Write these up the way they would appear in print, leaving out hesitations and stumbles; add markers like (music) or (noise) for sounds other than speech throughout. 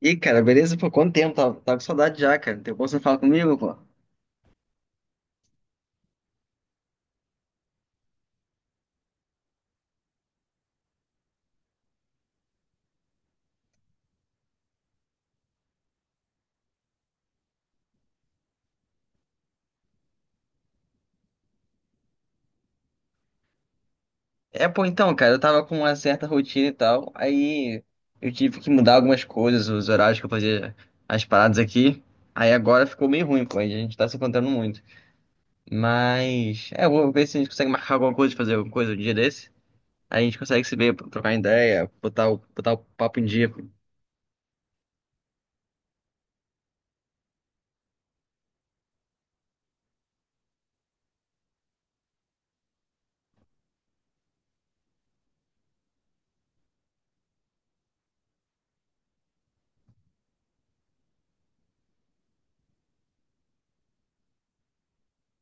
Ih, cara, beleza? Pô, quanto tempo? Tava com saudade já, cara. Tem como você falar comigo, pô? É, pô, então, cara, eu tava com uma certa rotina e tal. Aí eu tive que mudar algumas coisas, os horários que eu fazia as paradas aqui. Aí agora ficou meio ruim, pô. A gente tá se encontrando muito. Mas, é, eu vou ver se a gente consegue marcar alguma coisa, fazer alguma coisa um dia desse. Aí a gente consegue se ver, trocar ideia, botar o papo em dia.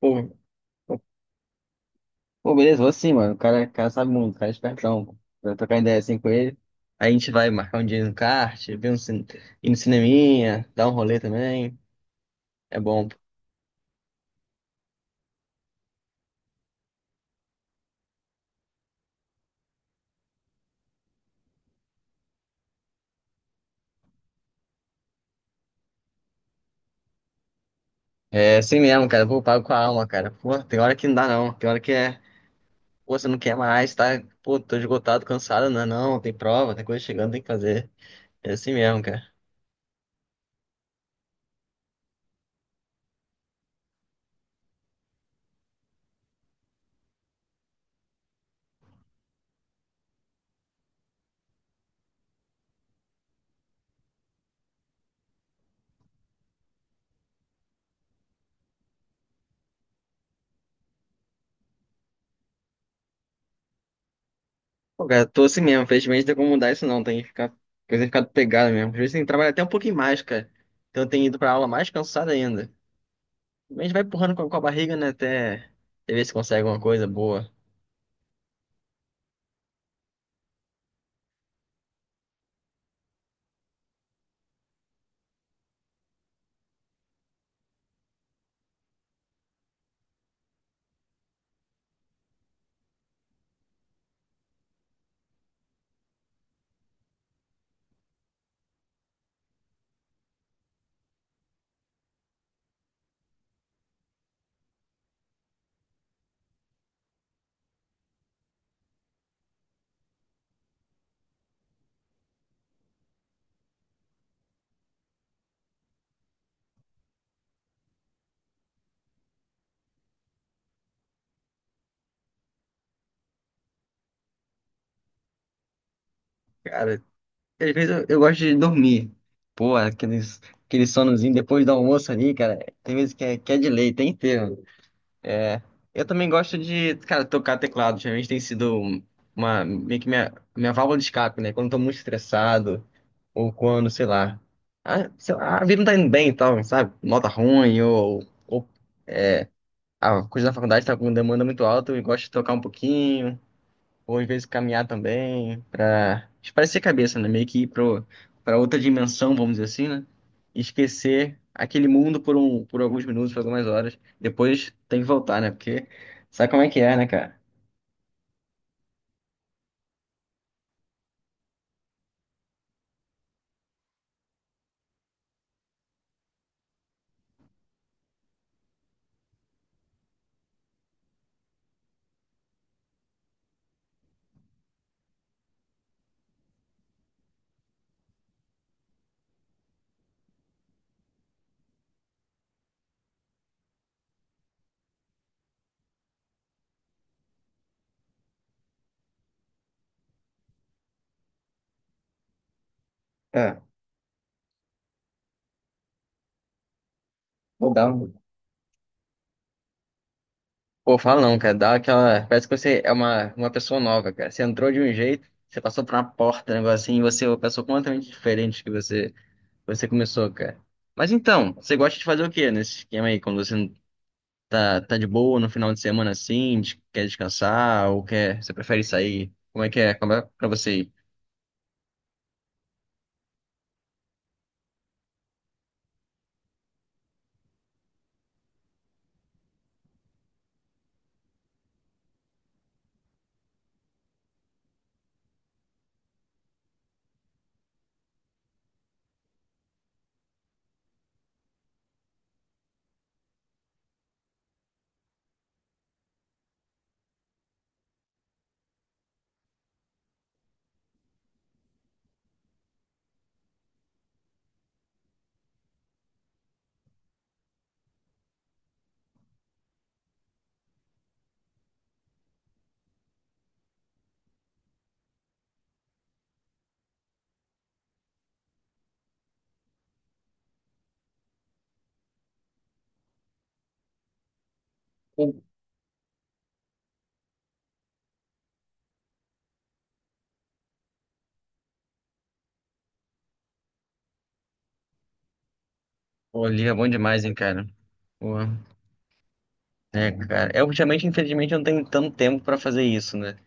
Pô, Pô, beleza, vou sim, mano. O cara sabe muito, o cara é espertão. Pô. Pra trocar ideia assim com ele. Aí a gente vai marcar um dia no kart, ir no cineminha, dar um rolê também. É bom. Pô. É assim mesmo, cara. Pô, eu pago com a alma, cara. Pô, tem hora que não dá não. Tem hora que é. Pô, você não quer mais, tá? Pô, tô esgotado, cansado. Não, é não, tem prova, tem coisa chegando, tem que fazer. É assim mesmo, cara. Pô, cara, tô assim mesmo. Felizmente não tem como mudar isso não. Tem que ficar. Coisa tem ficado pegada mesmo. Às vezes tem que trabalhar até um pouquinho mais, cara. Então eu tenho ido pra aula mais cansado ainda. A gente vai empurrando com a barriga, né? Até ver se consegue alguma coisa boa. Cara, às vezes eu gosto de dormir. Pô, aquele sonozinho depois do almoço ali, cara. Tem vezes que é de lei, tem inteiro. É, eu também gosto de, cara, tocar teclado. Geralmente tem sido uma, meio que minha válvula de escape, né? Quando eu tô muito estressado, ou quando, sei lá. A, sei lá, a vida não tá indo bem e tal, sabe? Nota ruim, ou a coisa da faculdade tá com demanda muito alta, eu gosto de tocar um pouquinho. Ou às vezes caminhar também para espairecer a cabeça, né? Meio que ir para outra dimensão, vamos dizer assim, né? E esquecer aquele mundo por, um, por alguns minutos, por algumas horas. Depois tem que voltar, né? Porque sabe como é que é, né, cara? É, vou dar um. Pô, fala não, cara. Dá aquela. Parece que você é uma pessoa nova, cara. Você entrou de um jeito, você passou por uma porta, um negócio assim, e você é uma pessoa completamente diferente que você começou, cara. Mas então, você gosta de fazer o quê nesse esquema aí, quando você. Tá de boa no final de semana assim? Quer descansar ou quer? Você prefere sair? Como é que é? Como é pra você ir? Pô, pô, liga é bom demais, hein, cara? Porra. É, cara. Eu, ultimamente, infelizmente, eu não tenho tanto tempo pra fazer isso, né?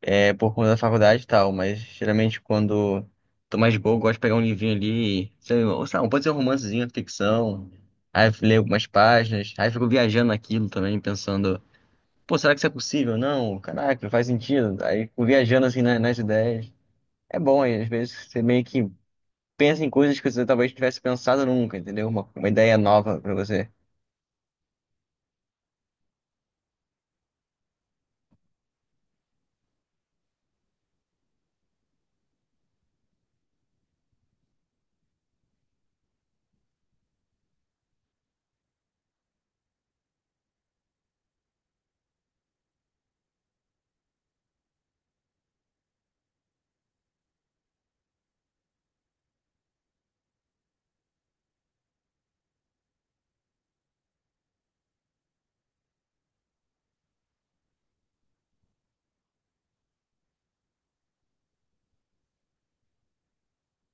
É por conta da faculdade e tal, mas geralmente quando tô mais de boa, eu gosto de pegar um livrinho ali, sei lá, ou sei lá, pode ser um romancezinho, ficção. Aí eu leio algumas páginas, aí eu fico viajando naquilo também, pensando, pô, será que isso é possível? Não, caraca, faz sentido. Aí fico viajando assim nas ideias. É bom, e às vezes você meio que pensa em coisas que você talvez tivesse pensado nunca, entendeu? Uma ideia nova pra você.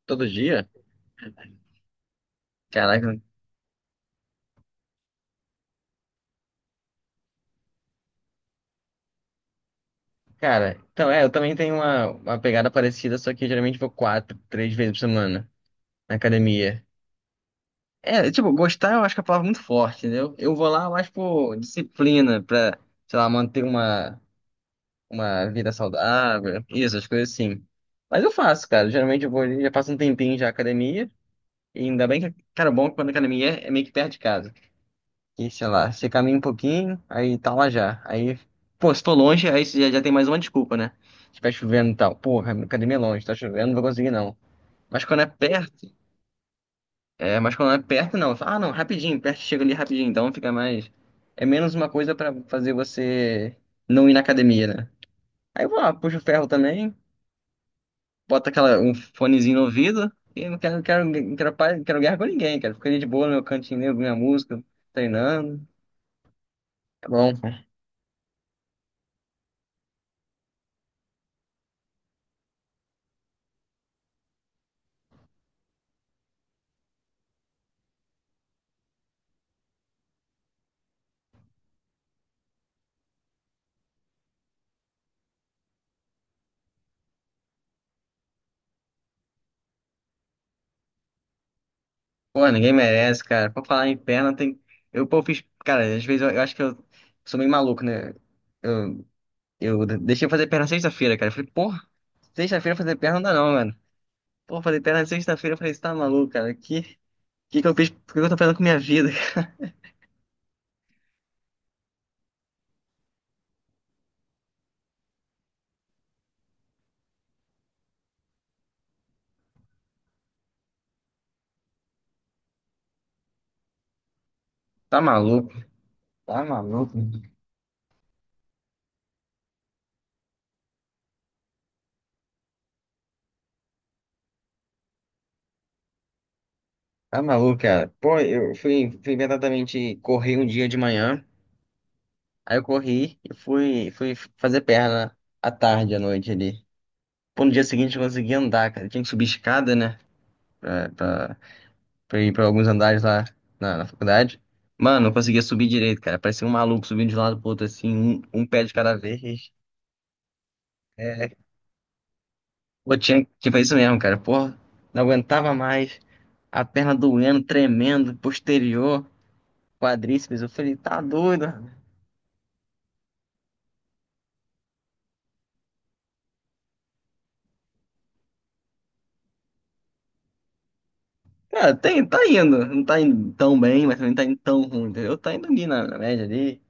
Todo dia? Caraca. Cara, então é, eu também tenho uma pegada parecida, só que eu geralmente vou três vezes por semana na academia. É, tipo, gostar eu acho que é a palavra muito forte, entendeu? Eu vou lá mais por disciplina, pra, sei lá, manter uma vida saudável, isso, as coisas assim. Mas eu faço, cara. Geralmente eu vou ali, já passo um tempinho já na academia. E ainda bem que, cara, o bom é que quando a academia é meio que perto de casa. E sei lá, você caminha um pouquinho, aí tá lá já. Aí, pô, se tô longe, aí você já tem mais uma desculpa, né? Se tá chovendo e tal. Porra, a academia é longe, tá chovendo, não vou conseguir não. Mas quando é perto, é, mas quando é perto não. Fala, ah, não, rapidinho, perto chega ali rapidinho, então fica mais. É menos uma coisa pra fazer você não ir na academia, né? Aí eu vou lá, puxo o ferro também, bota aquela, um fonezinho no ouvido, e não quero guerra com ninguém, cara. Fico ali de boa no meu cantinho, ouvindo minha música, treinando. É bom. Pô, ninguém merece, cara. Pra falar em perna, tem. Eu, pô, fiz. Cara, às vezes eu acho que eu sou meio maluco, né? Eu, eu deixei fazer perna sexta-feira, cara. Eu falei, porra, sexta-feira fazer perna não dá não, mano. Pô, fazer perna sexta-feira, eu falei, você tá maluco, cara? Que eu fiz? O que eu tô fazendo com minha vida? (laughs) Cara? Tá maluco? Tá maluco? Tá maluco, cara. Pô, eu fui imediatamente correr um dia de manhã. Aí eu corri e fui fazer perna à tarde, à noite ali. Pô, no dia seguinte eu consegui andar, cara. Eu tinha que subir escada, né? pra, pra, pra ir pra alguns andares lá na faculdade. Mano, não conseguia subir direito, cara. Parecia um maluco subindo de um lado pro outro, assim, um pé de cada vez. É, pô, tinha foi isso mesmo, cara. Porra, não aguentava mais. A perna doendo, tremendo, posterior, quadríceps. Eu falei, tá doido. Rapaz. Cara, tem, tá indo. Não tá indo tão bem, mas também não tá indo tão ruim, entendeu? Tá indo ali na média ali,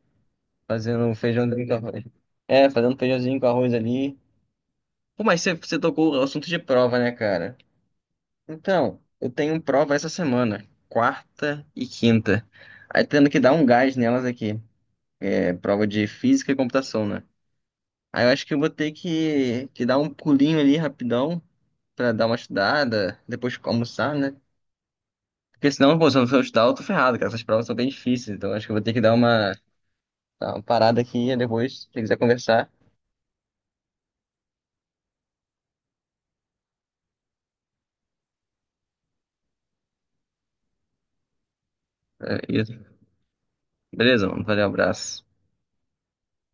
fazendo um feijãozinho com arroz. É, fazendo um feijãozinho com arroz ali. Pô, mas você tocou o assunto de prova, né, cara? Então, eu tenho prova essa semana, quarta e quinta. Aí tendo que dar um gás nelas aqui. É prova de física e computação, né? Aí eu acho que eu vou ter que dar um pulinho ali rapidão pra dar uma estudada, depois almoçar, né? Porque senão, pô, se eu não for estudar, eu tô ferrado, cara. Essas provas são bem difíceis, então acho que eu vou ter que dar uma parada aqui e depois, se quiser conversar. É isso. Beleza, mano. Valeu, abraço.